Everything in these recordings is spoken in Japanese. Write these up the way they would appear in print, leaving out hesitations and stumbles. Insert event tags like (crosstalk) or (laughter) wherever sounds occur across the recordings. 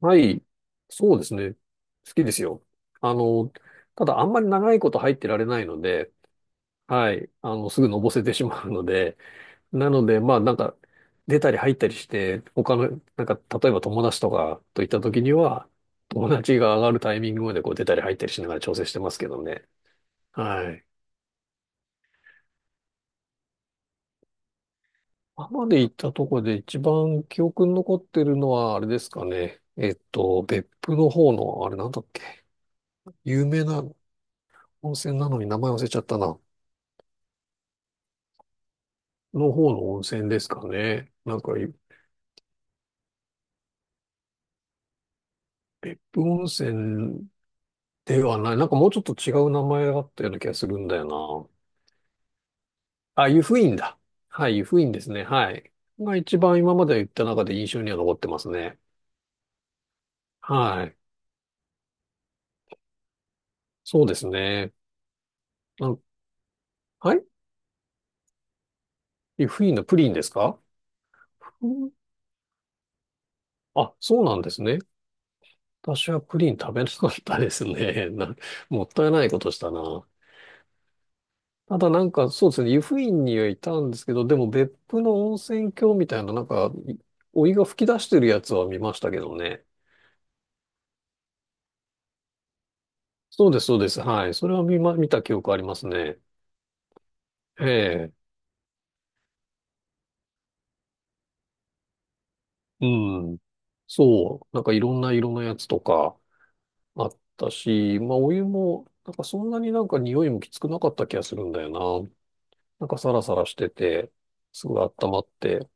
はい。そうですね。好きですよ。あの、ただあんまり長いこと入ってられないので、はい。すぐのぼせてしまうので、なので、出たり入ったりして、他の、例えば友達とかといった時には、友達が上がるタイミングまでこう出たり入ったりしながら調整してますけどね。はい。今まで行ったとこで一番記憶に残ってるのは、あれですかね。別府の方の、あれなんだっけ。有名な温泉なのに名前忘れちゃったな。の方の温泉ですかね。なんか、別府温泉ではない。なんかもうちょっと違う名前があったような気がするんだよな。あ、湯布院だ。はい、湯布院ですね。はい。が一番今まで言った中で印象には残ってますね。はい。そうですね。なんはい湯布院のプリンですか。うん。あ、そうなんですね。私はプリン食べなかったですね。(laughs) な、もったいないことしたな。ただなんか、そうですね、湯布院にはいたんですけど、でも別府の温泉郷みたいな、なんか、いお湯が噴き出してるやつは見ましたけどね。そうです、そうです。はい。それは見ま、見た記憶ありますね。ええ。うん。そう。なんかいろんな色のやつとかあったし、まあお湯も、なんかそんなになんか匂いもきつくなかった気がするんだよな。なんかサラサラしてて、すごい温まって。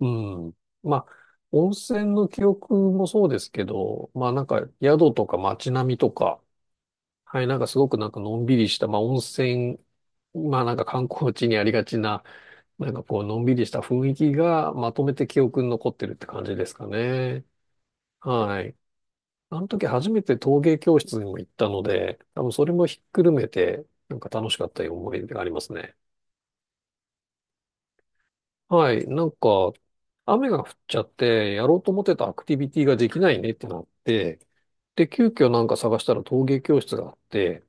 うん。まあ、温泉の記憶もそうですけど、まあなんか宿とか街並みとか、はい、なんかすごくなんかのんびりした、まあ温泉、まあなんか観光地にありがちな、なんかこうのんびりした雰囲気がまとめて記憶に残ってるって感じですかね。はい。あの時初めて陶芸教室にも行ったので、多分それもひっくるめて、なんか楽しかったいう思い出がありますね。はい、なんか、雨が降っちゃって、やろうと思ってたアクティビティができないねってなって、で、急遽なんか探したら陶芸教室があって、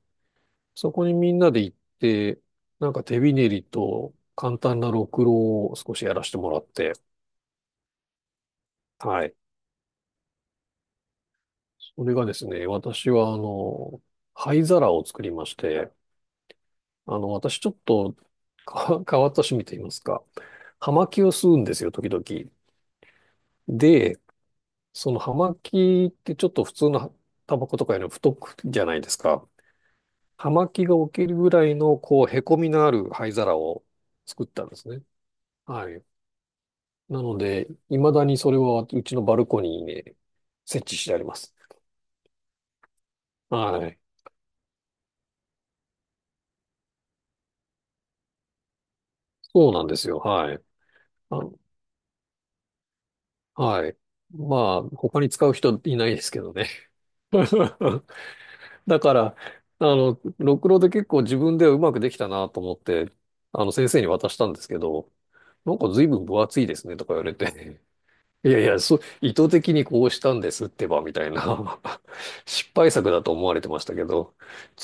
そこにみんなで行って、なんか手びねりと簡単なろくろを少しやらせてもらって、はい。それがですね、私はあの、灰皿を作りまして、あの、私ちょっとか変わった趣味と言いますか、葉巻を吸うんですよ、時々。で、その葉巻ってちょっと普通のタバコとかよりも太くじゃないですか。葉巻が起きるぐらいの、こう、へこみのある灰皿を作ったんですね。はい。なので、未だにそれはうちのバルコニーにね、設置してあります。はい。そうなんですよ。はい。あ、はい。まあ、他に使う人いないですけどね。(laughs) だから、ろくろで結構自分ではうまくできたなと思って、先生に渡したんですけど、なんか随分分厚いですねとか言われて、(laughs) いやいや、そう、意図的にこうしたんですってば、みたいな。(laughs) 失敗作だと思われてましたけど、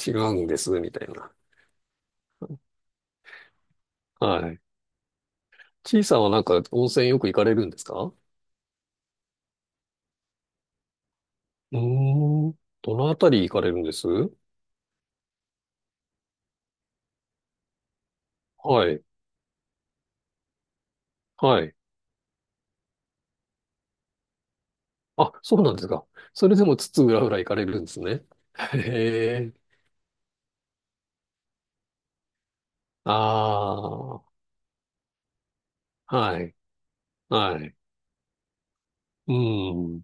違うんです、みたいな。はい。ちいさんはなんか温泉よく行かれるんですか。うーん。どのあたり行かれるんですはい。はい。あ、そうなんですか。それでも津々浦々行かれるんですね。へえ。ああ、はい、はい。うん。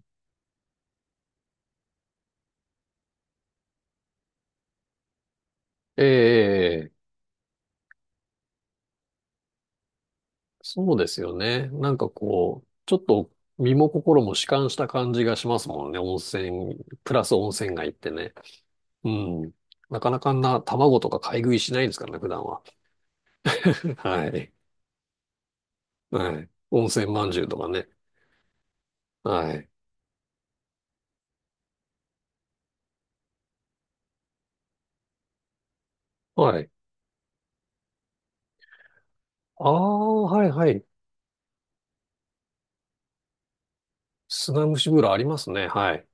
ええ、そうですよね。なんかこう、ちょっと身も心も弛緩した感じがしますもんね。温泉、プラス温泉街ってね。うん。なかなかあんな卵とか買い食いしないですからね、普段は。(laughs) はい。はい。温泉まんじゅうとかね。はい。はい。ああ、はいはい。砂蒸し風呂ありますね。はい。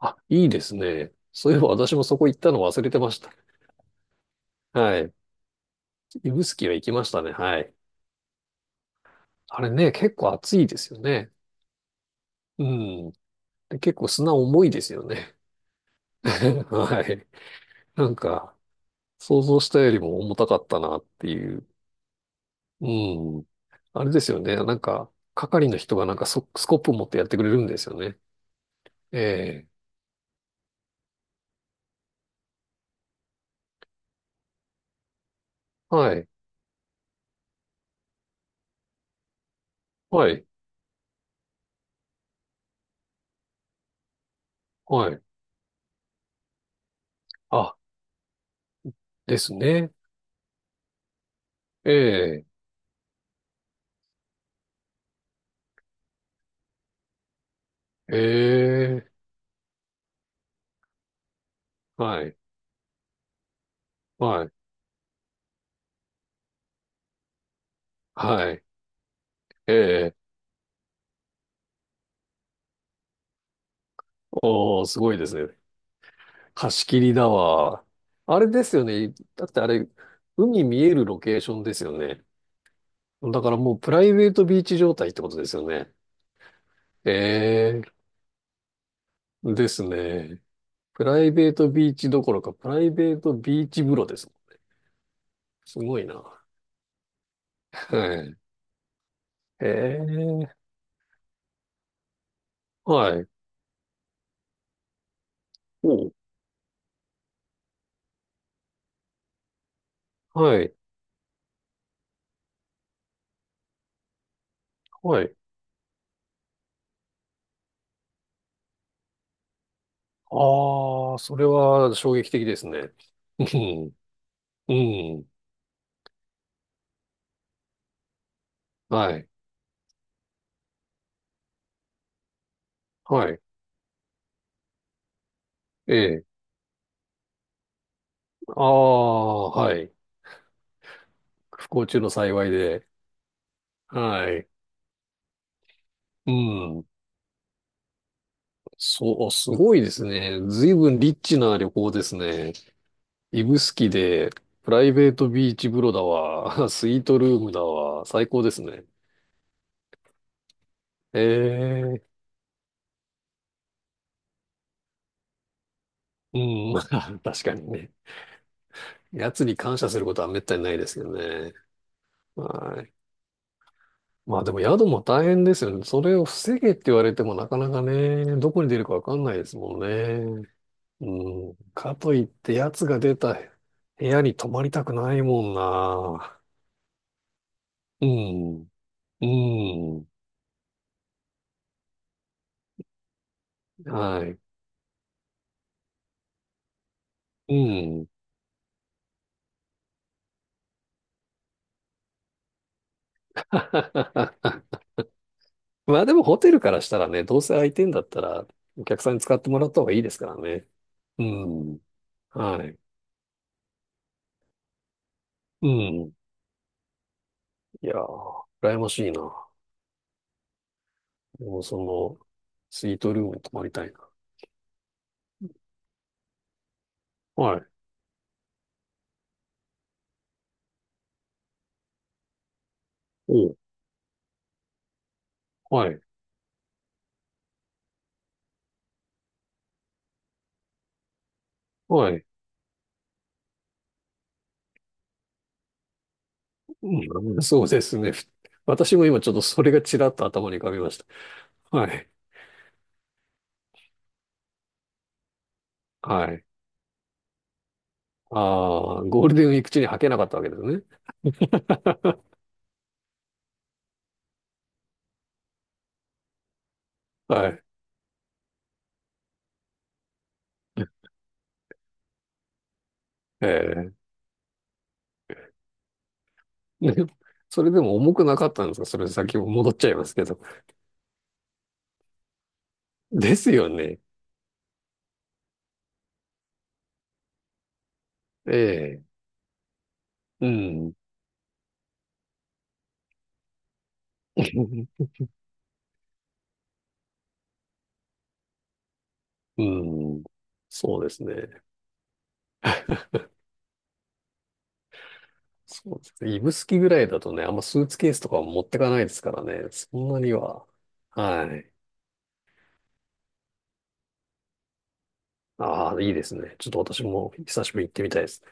あ、いいですね。そういえば私もそこ行ったの忘れてました。はい。指宿は行きましたね。はい。あれね、結構暑いですよね。うん。で結構砂重いですよね。(laughs) はい。なんか、想像したよりも重たかったなっていう。うん。あれですよね。なんか、係の人がなんかソスコップ持ってやってくれるんですよね。ええ。はい。はい。はい。あ、ですね。ええ。ええ。はい。はい。はい。ええ。おー、すごいですね。貸し切りだわ。あれですよね。だってあれ、海見えるロケーションですよね。だからもうプライベートビーチ状態ってことですよね。ええですね。プライベートビーチどころか、プライベートビーチ風呂です。すごいな。はい。ええはい。おうはい。はい。ああ、それは衝撃的ですね。うん。うん。はい。はい。ええ。ああ、はい。不幸中の幸いで。はい。うん。そう、すごいですね。随分リッチな旅行ですね。指宿で、プライベートビーチ風呂だわ、(laughs) スイートルームだわ、最高ですね。ええうん、(laughs) まあ、確かにね。奴に感謝することはめったにないですよね。はい。まあでも宿も大変ですよね。それを防げって言われてもなかなかね、どこに出るかわかんないですもんね。うん。かといって奴が出た部屋に泊まりたくないもんな。うん、うん、はい、うん。(laughs) まあでもホテルからしたらね、どうせ空いてんだったら、お客さんに使ってもらった方がいいですからね。うん、はい、うん。いやー、羨ましいな。もうその、スイートルームに泊まりたいな。はい、おはい、はい。うん、(laughs) そうですね。(laughs) ふ私も今ちょっとそれがちらっと頭に浮かびました。はい、はい。ああ、ゴールデンウィーク中に履けなかったわけですね。(laughs) はい。ええ (laughs) ね、それでも重くなかったんですかそれ先も戻っちゃいますけど。ですよね。ええ。うん。(laughs) うん。そうですね。そうですね。指宿ぐらいだとね、あんまスーツケースとかは持ってかないですからね。そんなには。はい。ああ、いいですね。ちょっと私も久しぶりに行ってみたいです。